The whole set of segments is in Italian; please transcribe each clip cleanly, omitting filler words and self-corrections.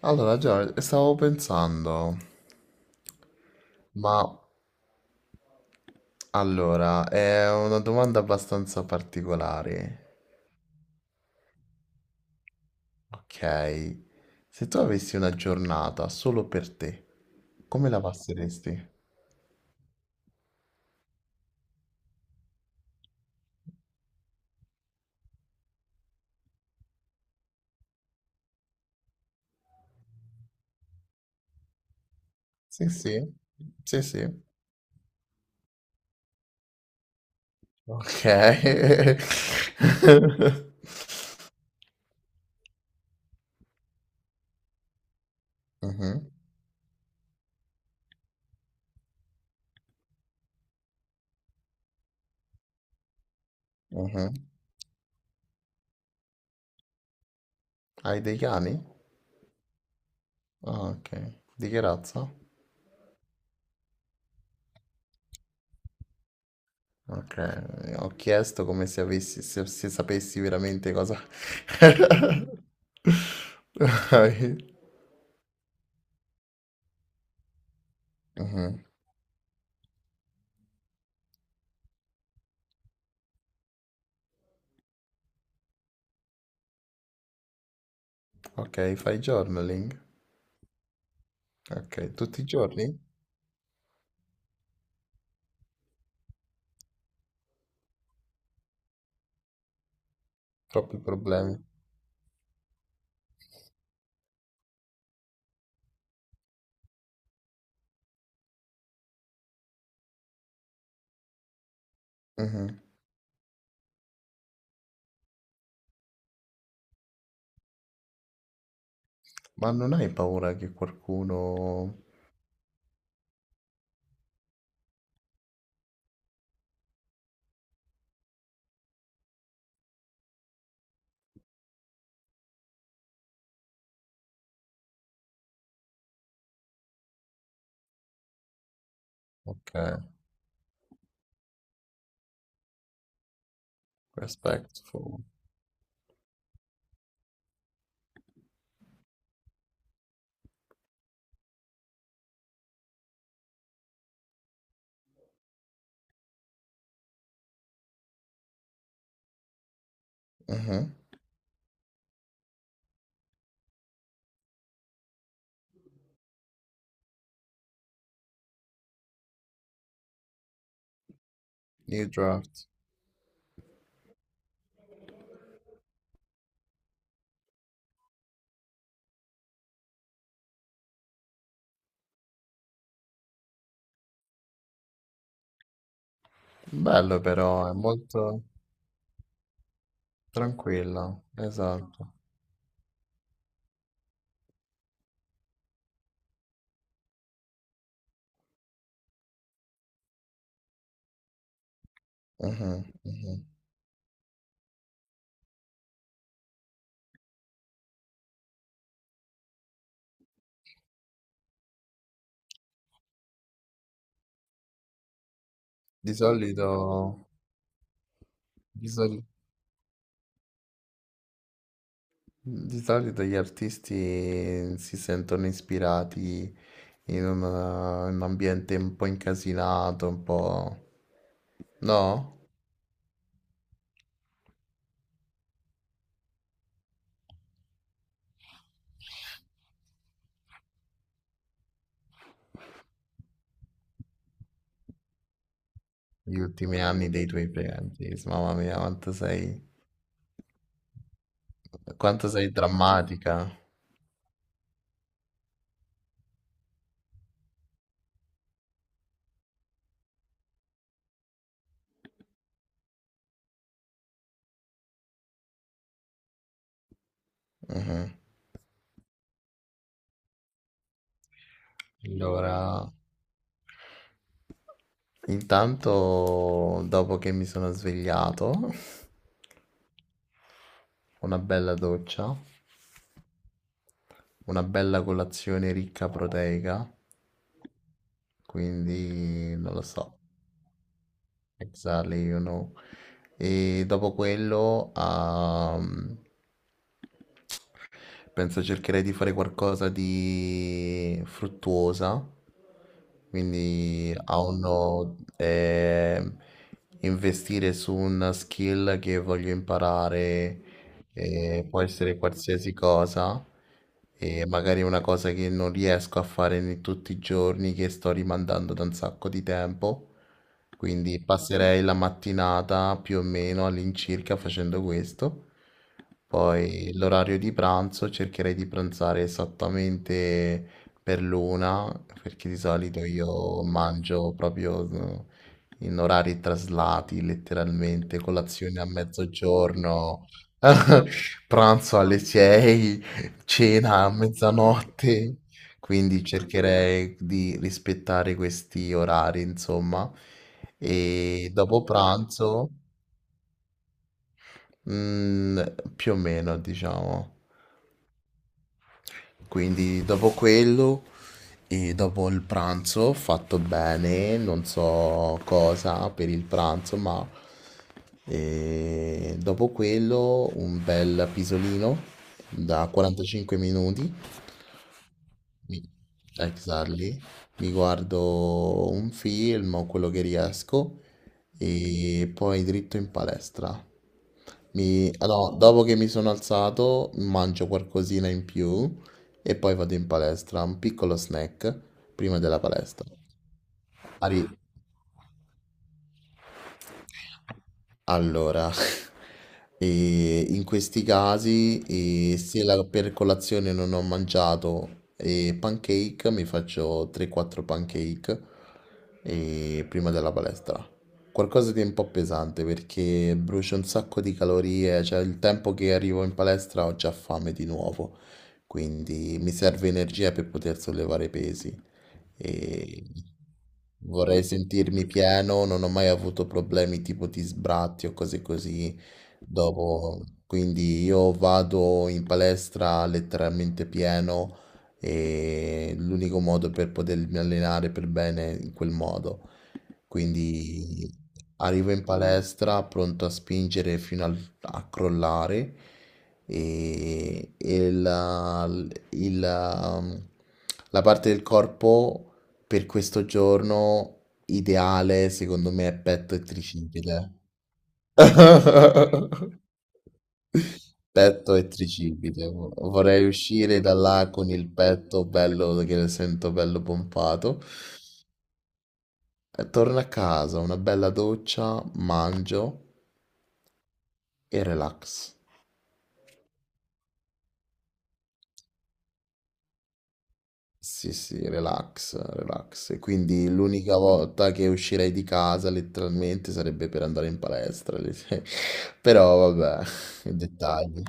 Allora, Giorgio, stavo pensando, ma allora, è una domanda abbastanza particolare. Ok, se tu avessi una giornata solo per te, come la passeresti? Sì, sì, sì, sì. Ok. Mhm, mhm. Hai dei cani? Ah, ok. Di che razza? Ok, ho chiesto come se avessi, se sapessi veramente cosa... Dai. Mhm. Ok, fai journaling? Ok, tutti i giorni? Troppi problemi. Mhm. Ma non hai paura che qualcuno... Ok, respectful. Mhm. New draft. Bello però, è molto tranquillo. Esatto. Mhm. Di solito... di soli- Di solito gli artisti si sentono ispirati in un ambiente un po' incasinato, un po'... No? Gli ultimi anni dei tuoi parenti, mamma mia, quanto sei drammatica. Mhm. Allora, intanto dopo che mi sono svegliato, una bella doccia, una bella colazione ricca proteica, quindi non lo so, exactly, you know. E dopo quello, penso cercherei di fare qualcosa di fruttuosa, quindi a uno investire su una skill che voglio imparare, può essere qualsiasi cosa, e magari una cosa che non riesco a fare tutti i giorni, che sto rimandando da un sacco di tempo. Quindi passerei la mattinata più o meno all'incirca facendo questo. Poi l'orario di pranzo cercherei di pranzare esattamente per l'una, perché di solito io mangio proprio in orari traslati, letteralmente, colazione a mezzogiorno, pranzo alle 6, cena a mezzanotte. Quindi cercherei di rispettare questi orari, insomma. E dopo pranzo, mm, più o meno, diciamo. Quindi dopo quello e dopo il pranzo ho fatto bene, non so cosa per il pranzo, ma dopo quello un bel pisolino da 45 minuti Mi- Exactly. Mi guardo un film o quello che riesco e poi dritto in palestra. No, dopo che mi sono alzato, mangio qualcosina in più e poi vado in palestra, un piccolo snack prima della palestra. Ari- Allora, in questi casi, se la- per colazione non ho mangiato pancake, mi faccio 3-4 pancake prima della palestra. Qualcosa di un po' pesante perché brucio un sacco di calorie, cioè il tempo che arrivo in palestra ho già fame di nuovo, quindi mi serve energia per poter sollevare pesi. E vorrei sentirmi pieno, non ho mai avuto problemi tipo di sbratti o cose così dopo. Quindi io vado in palestra letteralmente pieno e l'unico modo per potermi allenare per bene è in quel modo. Quindi arrivo in palestra pronto a spingere a crollare e il- um, la parte del corpo per questo giorno ideale secondo me è petto e tricipite. Petto e tricipite. Vorrei uscire da là con il petto bello che sento bello pompato. Torno a casa, una bella doccia, mangio e relax. Sì, sì, relax, relax. E quindi l'unica volta che uscirei di casa letteralmente sarebbe per andare in palestra. Però vabbè, i dettagli.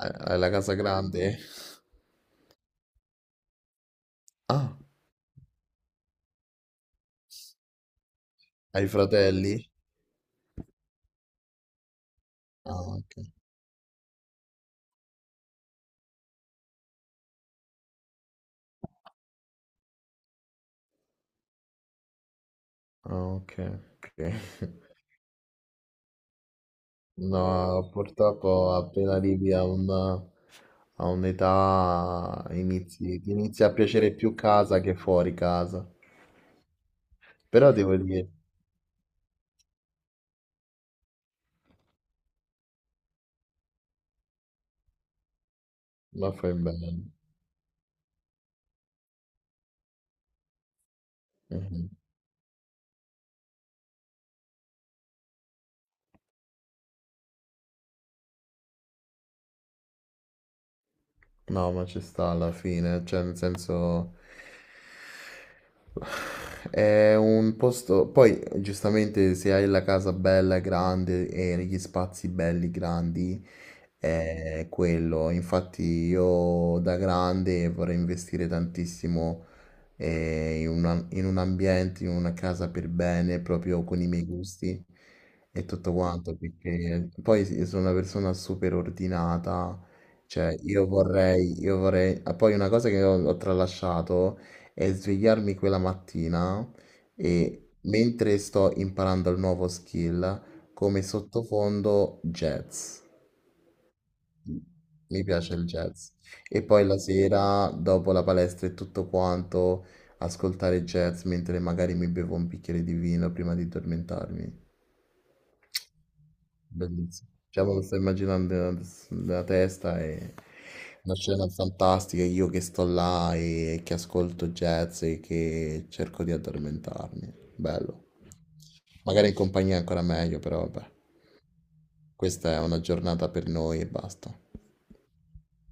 Hai la casa grande? Ah, hai fratelli? Ah, ok. Ah, ok. Ok. No, purtroppo appena arrivi a a un'età inizi, ti inizia a piacere più casa che fuori casa. Però devo dire, ma fai bene. Mhm. No, ma ci sta alla fine, cioè nel senso è un posto, poi giustamente se hai la casa bella, grande e gli spazi belli, grandi, è quello. Infatti io da grande vorrei investire tantissimo in un ambiente, in una casa per bene, proprio con i miei gusti e tutto quanto, perché poi sì, sono una persona super ordinata, cioè io vorrei... ah, poi una cosa che ho tralasciato è svegliarmi quella mattina e mentre sto imparando il nuovo skill, come sottofondo jazz. Mi piace il jazz. E poi la sera, dopo la palestra e tutto quanto, ascoltare jazz mentre magari mi bevo un bicchiere di vino prima di addormentarmi. Bellissimo. Cioè, me lo sto immaginando nella testa e una scena fantastica. Io che sto là e che ascolto jazz e che cerco di addormentarmi. Bello. Magari in compagnia è ancora meglio, però vabbè. Questa è una giornata per noi e basta.